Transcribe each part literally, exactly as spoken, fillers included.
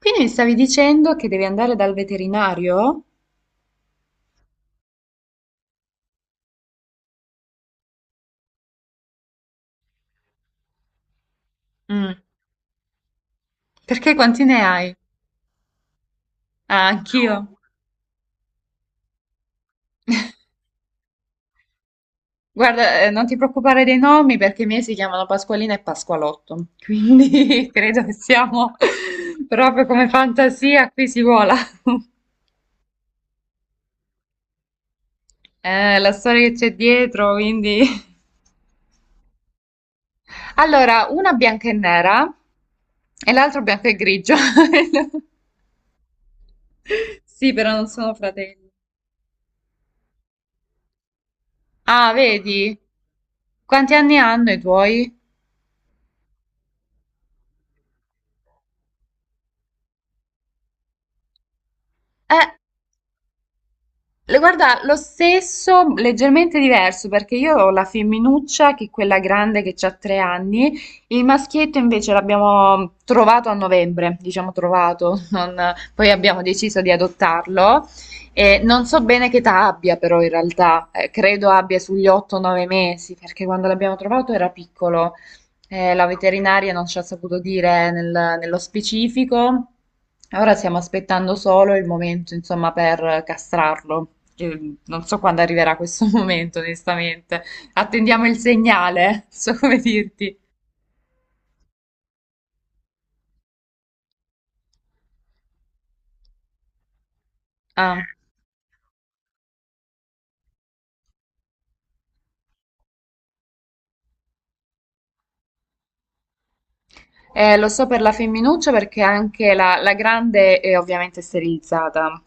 Quindi mi stavi dicendo che devi andare dal veterinario? Mm. Perché quanti ne hai? Ah, anch'io. Guarda, eh, non ti preoccupare dei nomi perché i miei si chiamano Pasqualina e Pasqualotto. Quindi credo che siamo proprio come fantasia, qui si vola. Eh, la storia che c'è dietro, quindi... Allora, una bianca e nera e l'altro bianco e grigio. Sì, però non sono fratelli. Ah, vedi? Quanti anni hanno i tuoi? Eh, Le- Guarda, lo stesso, leggermente diverso, perché io ho la femminuccia, che è quella grande che ha tre anni, il maschietto invece l'abbiamo trovato a novembre, diciamo trovato, non- poi abbiamo deciso di adottarlo. E non so bene che età abbia però in realtà, eh, credo abbia sugli otto o nove mesi, perché quando l'abbiamo trovato era piccolo. Eh, la veterinaria non ci ha saputo dire nel- nello specifico. Ora stiamo aspettando solo il momento, insomma, per castrarlo. Eh, non so quando arriverà questo momento, onestamente. Attendiamo il segnale, non so come dirti. Ah. Eh, lo so per la femminuccia perché anche la, la grande è ovviamente sterilizzata,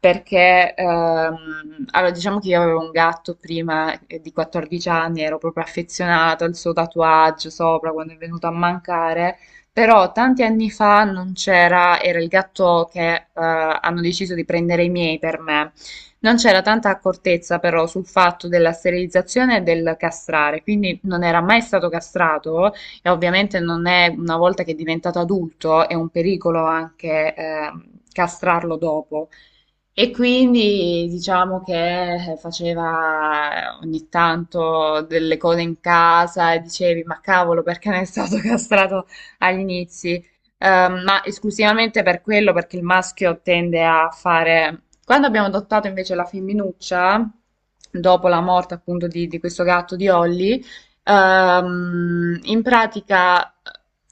perché ehm, allora diciamo che io avevo un gatto prima eh, di quattordici anni, ero proprio affezionata al suo tatuaggio sopra quando è venuto a mancare, però tanti anni fa non c'era, era il gatto che eh, hanno deciso di prendere i miei per me. Non c'era tanta accortezza però sul fatto della sterilizzazione e del castrare, quindi non era mai stato castrato e ovviamente non è una volta che è diventato adulto, è un pericolo anche eh, castrarlo dopo. E quindi diciamo che eh, faceva eh, ogni tanto delle cose in casa e dicevi, ma cavolo, perché non è stato castrato agli inizi? Eh, ma esclusivamente per quello, perché il maschio tende a fare... Quando abbiamo adottato invece la femminuccia, dopo la morte appunto di, di questo gatto di Holly, ehm, in pratica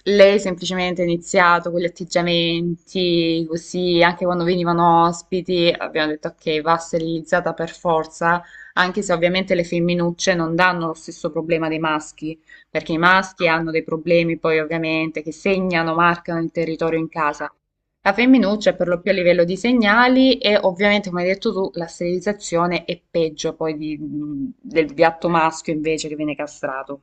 lei semplicemente ha iniziato con gli atteggiamenti, così anche quando venivano ospiti abbiamo detto ok, va sterilizzata per forza, anche se ovviamente le femminucce non danno lo stesso problema dei maschi, perché i maschi hanno dei problemi poi ovviamente che segnano, marcano il territorio in casa. La femminuccia è per lo più a livello di segnali e ovviamente, come hai detto tu, la sterilizzazione è peggio poi di- del gatto maschio invece che viene castrato.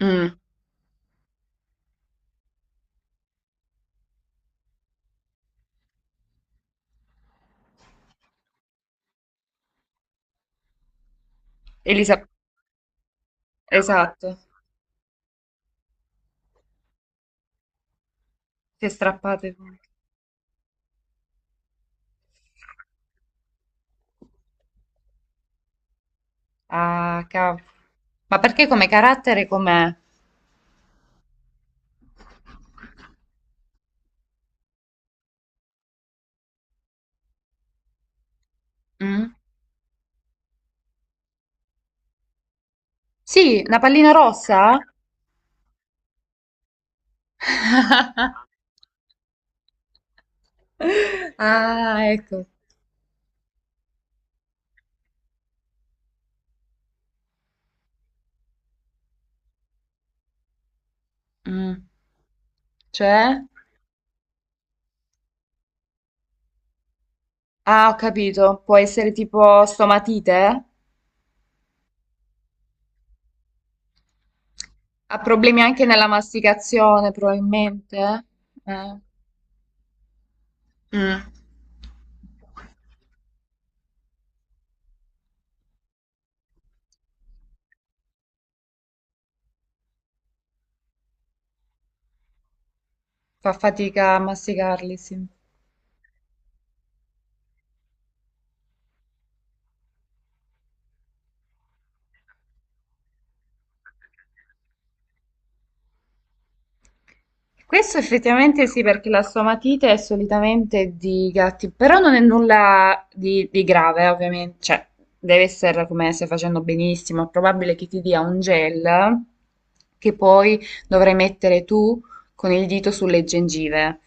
Mm. Elisa, esatto. Si è strappate voi. Ah, cavolo. Ma perché come carattere com'è? Mm? Sì, una pallina rossa? Ah, ecco. Mm. Cioè? Ah, ho capito. Può essere tipo stomatite? Ha problemi anche nella masticazione, probabilmente. Eh. Mm. Fa fatica a masticarli, sì. Questo effettivamente sì, perché la stomatite è solitamente di gatti, però non è nulla di, di grave, eh, ovviamente, cioè deve essere come stai facendo benissimo, è probabile che ti dia un gel che poi dovrai mettere tu con il dito sulle gengive,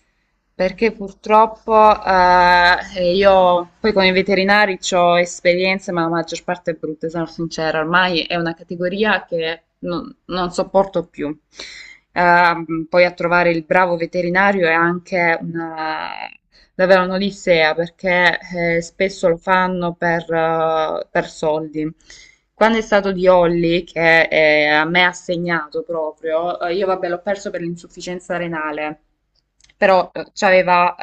perché purtroppo eh, io poi con i veterinari ho esperienze, ma la maggior parte è brutta, sono sincera, ormai è una categoria che non, non sopporto più. Ehm, poi a trovare il bravo veterinario è anche una, davvero un'olissea perché eh, spesso lo fanno per, eh, per soldi. Quando è stato di Olly, che eh, a me ha segnato proprio, eh, io vabbè l'ho perso per l'insufficienza renale, però eh, c'aveva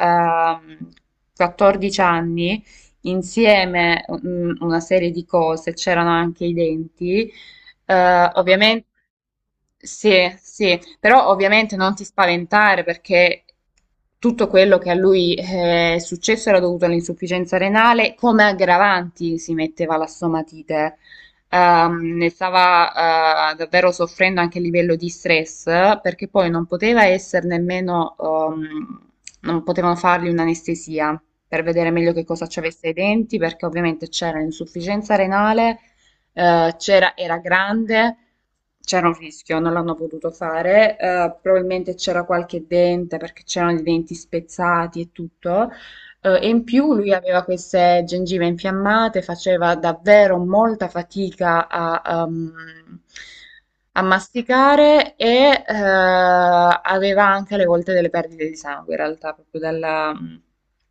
ehm, quattordici anni, insieme mm, una serie di cose, c'erano anche i denti, eh, ovviamen- sì, sì, però ovviamente non ti spaventare perché tutto quello che a lui eh, è successo era dovuto all'insufficienza renale, come aggravanti si metteva la stomatite. Ehm, ne stava eh, davvero soffrendo anche a livello di stress perché poi non poteva essere nemmeno, ehm, non potevano fargli un'anestesia per vedere meglio che cosa ci avesse ai denti perché ovviamente c'era l'insufficienza renale eh, c'era, era grande, c'era un rischio, non l'hanno potuto fare, eh, probabilmente c'era qualche dente perché c'erano i denti spezzati e tutto, eh, e in più lui aveva queste gengive infiammate, faceva davvero molta fatica a, ehm, a masticare e eh, aveva anche alle volte delle perdite di sangue, in realtà, proprio dalla...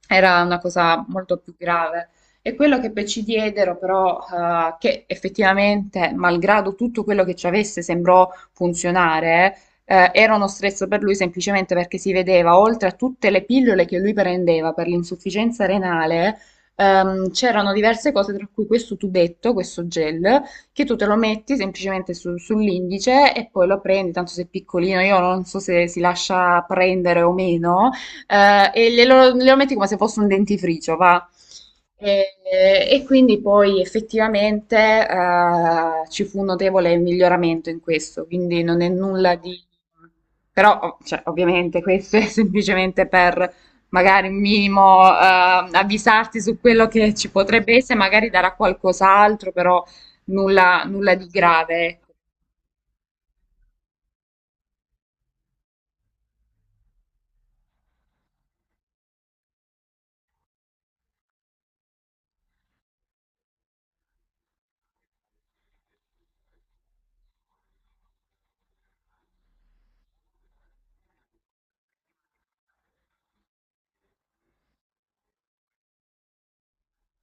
Era una cosa molto più grave. E quello che poi ci diedero, però, eh, che effettivamente, malgrado tutto quello che ci avesse, sembrò funzionare, eh, era uno stress per lui semplicemente perché si vedeva, oltre a tutte le pillole che lui prendeva per l'insufficienza renale, ehm, c'erano diverse cose, tra cui questo tubetto, questo gel, che tu te lo metti semplicemente su- sull'indice e poi lo prendi, tanto sei piccolino, io non so se si lascia prendere o meno, eh, e glielo, glielo metti come se fosse un dentifricio, va? E, e quindi poi effettivamente eh, ci fu un notevole miglioramento in questo, quindi non è nulla di... Però, ov- cioè, ovviamente questo è semplicemente per magari un minimo eh, avvisarti su quello che ci potrebbe essere, magari darà qualcos'altro, però nulla, nulla di grave. ecco.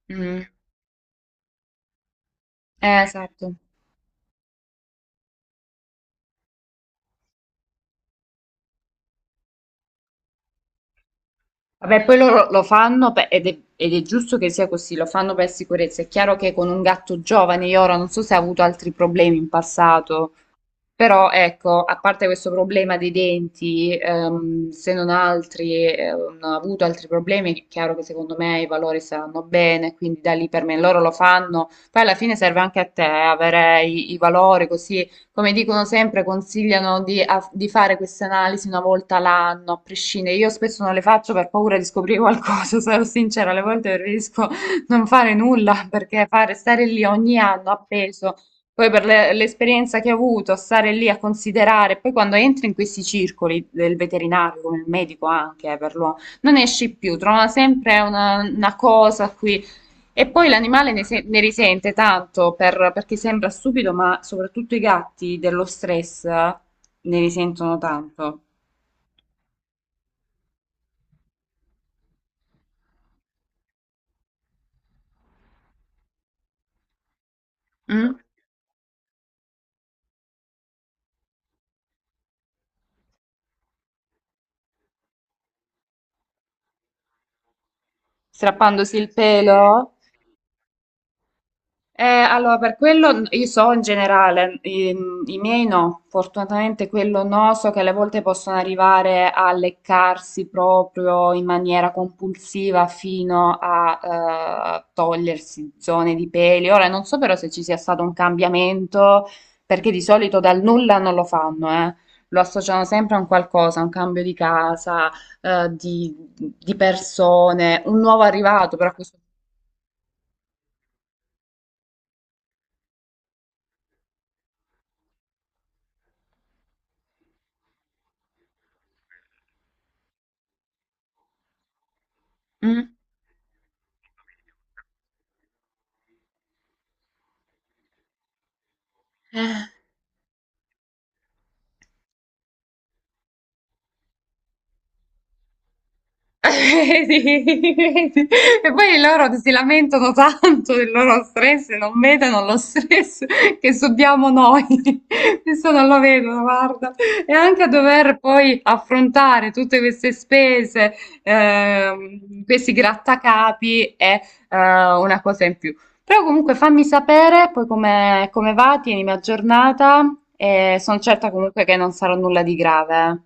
Mm, eh, esatto. Vabbè, poi loro lo fanno per- ed è, ed è giusto che sia così, lo fanno per sicurezza. È chiaro che con un gatto giovane, io ora non so se ha avuto altri problemi in passato, però ecco, a parte questo problema dei denti, ehm, se non altri, eh, non ho avuto altri problemi, è chiaro che secondo me i valori saranno bene, quindi da lì per me loro lo fanno. Poi alla fine serve anche a te avere i, i valori, così come dicono sempre, consigliano di, a- di fare queste analisi una volta l'anno, a prescindere. Io spesso non le faccio per paura di scoprire qualcosa, sarò sincera, alle volte preferisco non fare nulla perché fare stare lì ogni anno appeso. Poi per le- l'esperienza che ho avuto, stare lì a considerare, poi quando entri in questi circoli del veterinario, come il medico anche, eh, per l'uomo, non esci più, trova sempre una, una cosa a cui... E poi l'animale ne, se- ne risente tanto per- perché sembra stupido, ma soprattutto i gatti dello stress eh, ne risentono tanto. Mm? Strappandosi il pelo. Eh, allora, per quello n- io so in generale, i, i miei no, fortunatamente quello no, so che alle volte possono arrivare a leccarsi proprio in maniera compulsiva fino a eh, togliersi zone di peli. Ora non so però se ci sia stato un cambiamento, perché di solito dal nulla non lo fanno, eh. Lo associano sempre a un qualcosa, a un cambio di casa, eh, di, di persone, un nuovo arrivato, però questo... Mm? Sì, sì. E poi loro si lamentano tanto del loro stress e non vedono lo stress che subiamo noi. Questo non lo vedono, guarda. E anche a dover poi affrontare tutte queste spese, ehm, questi grattacapi è eh, una cosa in più. Però comunque fammi sapere poi come, come va, tienimi aggiornata e sono certa comunque che non sarà nulla di grave.